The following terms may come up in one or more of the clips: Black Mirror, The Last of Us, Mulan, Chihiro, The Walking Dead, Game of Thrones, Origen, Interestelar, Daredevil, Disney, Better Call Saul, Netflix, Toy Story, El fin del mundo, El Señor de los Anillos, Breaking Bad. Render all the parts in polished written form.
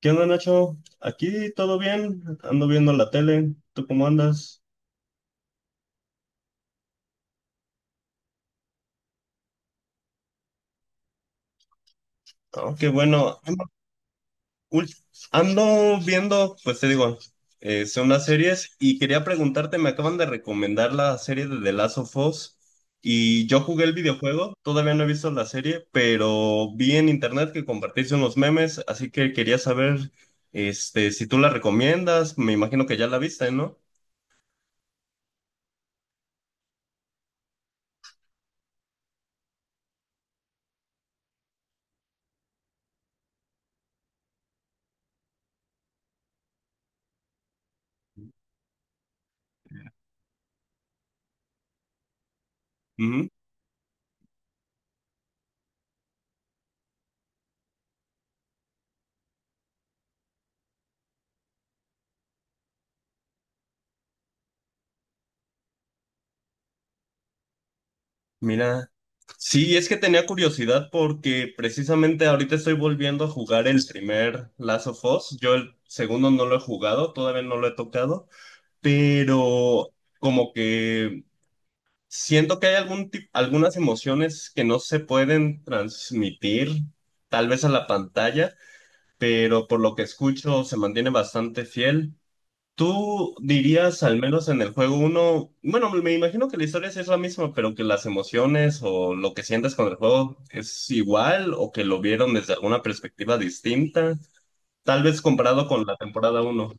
¿Qué onda, Nacho? Aquí todo bien, ando viendo la tele, ¿tú cómo andas? Oh, qué bueno. Ul- Ando viendo, pues te digo, son unas series y quería preguntarte, me acaban de recomendar la serie de The Last of Us y yo jugué el videojuego, todavía no he visto la serie, pero vi en internet que compartiste unos memes, así que quería saber, si tú la recomiendas, me imagino que ya la viste, ¿no? Mira, sí, es que tenía curiosidad porque precisamente ahorita estoy volviendo a jugar el primer Last of Us. Yo el segundo no lo he jugado, todavía no lo he tocado, pero como que siento que hay algunas emociones que no se pueden transmitir tal vez a la pantalla, pero por lo que escucho se mantiene bastante fiel. ¿Tú dirías, al menos en el juego uno bueno, me imagino que la historia sí es la misma, pero que las emociones o lo que sientes con el juego es igual o que lo vieron desde alguna perspectiva distinta, tal vez comparado con la temporada uno?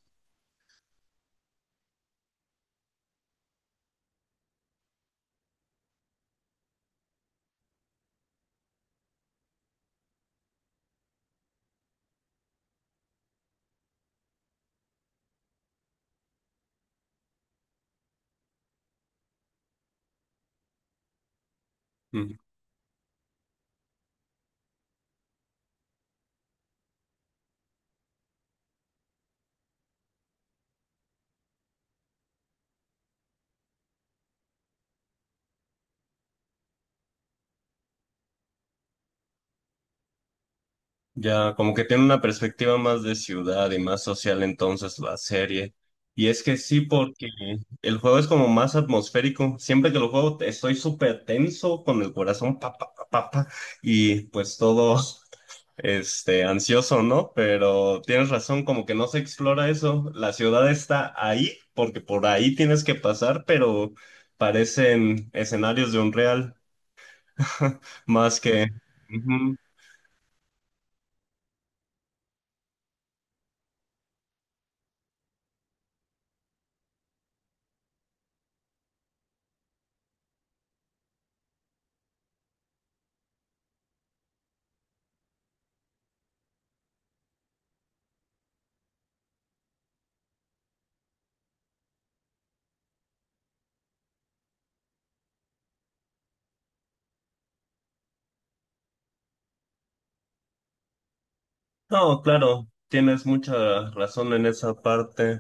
Mm. Ya, como que tiene una perspectiva más de ciudad y más social entonces la serie. Y es que sí, porque el juego es como más atmosférico. Siempre que lo juego estoy súper tenso con el corazón, pa, pa, pa, pa, pa, y pues todo... este, ansioso, ¿no? Pero tienes razón, como que no se explora eso. La ciudad está ahí, porque por ahí tienes que pasar, pero parecen escenarios de un real, más que... Ujú. No, claro, tienes mucha razón en esa parte.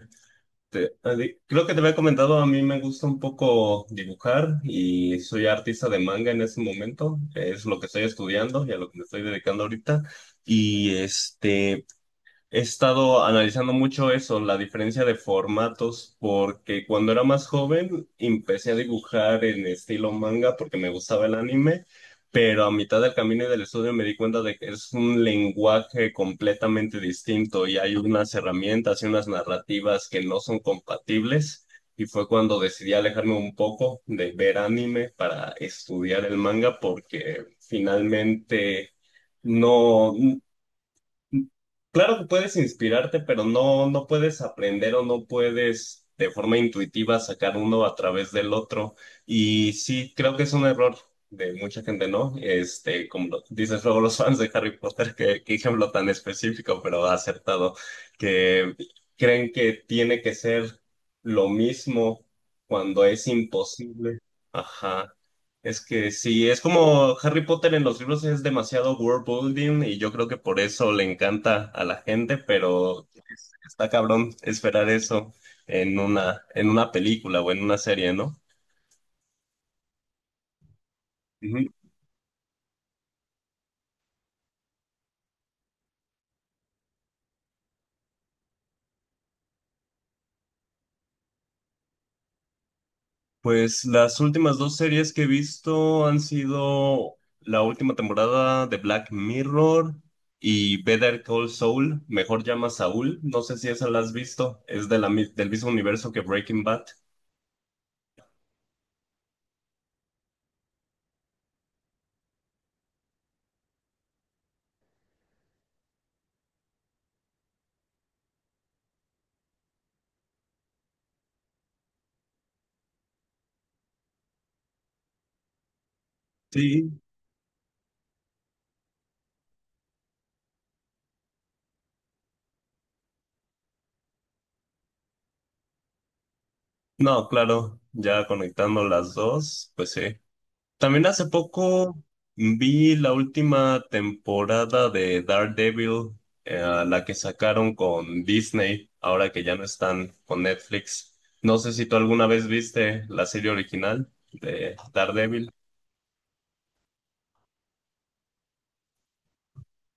Creo que te había comentado, a mí me gusta un poco dibujar y soy artista de manga en ese momento, es lo que estoy estudiando y a lo que me estoy dedicando ahorita. Y este, He estado analizando mucho eso, la diferencia de formatos, porque cuando era más joven empecé a dibujar en estilo manga porque me gustaba el anime, pero a mitad del camino y del estudio me di cuenta de que es un lenguaje completamente distinto y hay unas herramientas y unas narrativas que no son compatibles. Y fue cuando decidí alejarme un poco de ver anime para estudiar el manga porque finalmente no... Claro que puedes inspirarte, pero no puedes aprender o no puedes de forma intuitiva sacar uno a través del otro. Y sí, creo que es un error de mucha gente, ¿no? Este, dices luego los fans de Harry Potter, que qué ejemplo tan específico, pero acertado, que creen que tiene que ser lo mismo cuando es imposible. Ajá. Es que sí, es como Harry Potter en los libros es demasiado world building y yo creo que por eso le encanta a la gente, pero está cabrón esperar eso en una película o en una serie, ¿no? Ujú. Pues las últimas dos series que he visto han sido la última temporada de Black Mirror y Better Call Saul, mejor llama Saúl, no sé si esa la has visto, es de del mismo universo que Breaking Bad. Sí. No, claro, ya conectando las dos, pues sí. También hace poco vi la última temporada de Daredevil, eh, la que sacaron con Disney, ahora que ya no están con Netflix. No sé si tú alguna vez viste la serie original de Daredevil.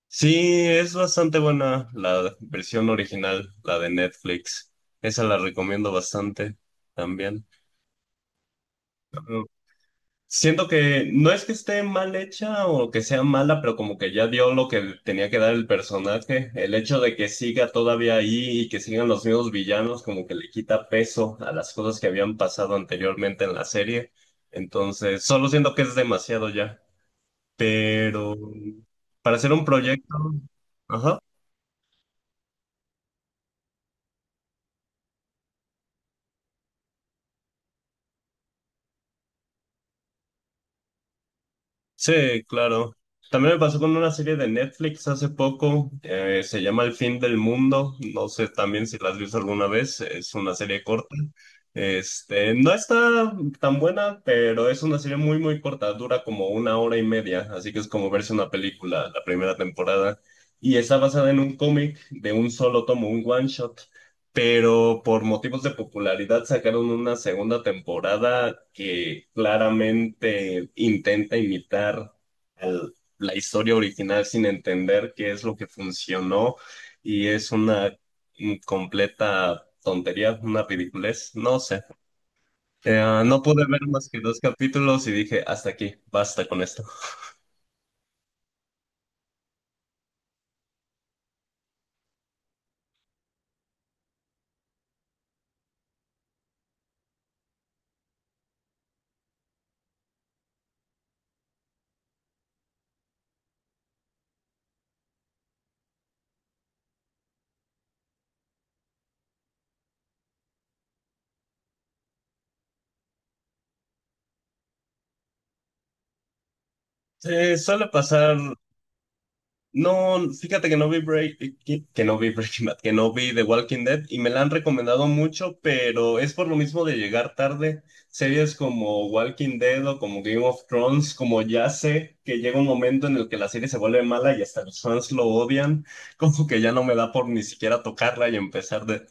Sí, es bastante buena la versión original, la de Netflix. Esa la recomiendo bastante también. Siento que no es que esté mal hecha o que sea mala, pero como que ya dio lo que tenía que dar el personaje. El hecho de que siga todavía ahí y que sigan los mismos villanos, como que le quita peso a las cosas que habían pasado anteriormente en la serie. Entonces, solo siento que es demasiado ya. Pero para hacer un proyecto, ajá. Sí, claro. También me pasó con una serie de Netflix hace poco, se llama El fin del mundo, no sé también si la has visto alguna vez, es una serie corta. Este, no está tan buena, pero es una serie muy, muy corta, dura como una hora y media, así que es como verse una película la primera temporada. Y está basada en un cómic de un solo tomo, un one shot, pero por motivos de popularidad sacaron una segunda temporada que claramente intenta imitar la historia original sin entender qué es lo que funcionó y es una completa tontería, una ridiculez, no sé. No pude ver más que dos capítulos y dije, hasta aquí, basta con esto. Suele pasar. No, fíjate que que no vi Breaking Bad, que no vi The Walking Dead y me la han recomendado mucho, pero es por lo mismo de llegar tarde. Series como Walking Dead o como Game of Thrones, como ya sé que llega un momento en el que la serie se vuelve mala y hasta los fans lo odian, como que ya no me da por ni siquiera tocarla y empezar de...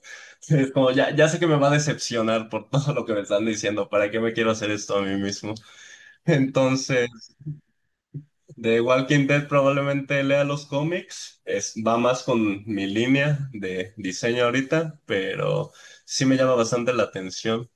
Es como ya, ya sé que me va a decepcionar por todo lo que me están diciendo, ¿para qué me quiero hacer esto a mí mismo? Entonces... De Walking Dead probablemente lea los cómics, es, va más con mi línea de diseño ahorita, pero sí me llama bastante la atención.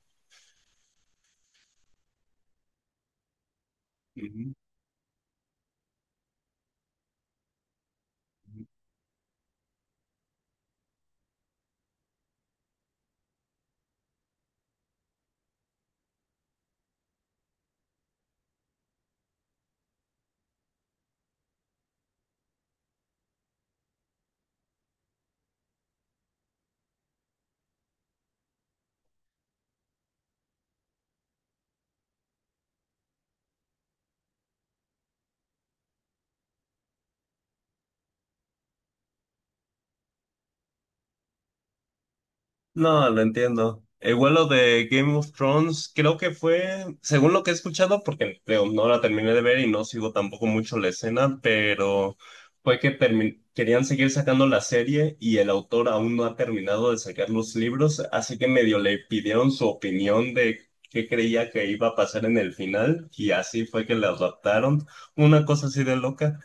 No, lo entiendo. El vuelo de Game of Thrones creo que fue, según lo que he escuchado, porque digo, no la terminé de ver y no sigo tampoco mucho la escena, pero fue que querían seguir sacando la serie y el autor aún no ha terminado de sacar los libros, así que medio le pidieron su opinión de qué creía que iba a pasar en el final y así fue que la adaptaron. Una cosa así de loca.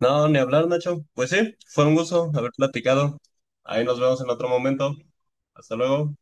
No, ni hablar, Nacho. Pues sí, fue un gusto haber platicado. Ahí nos vemos en otro momento. Hasta luego.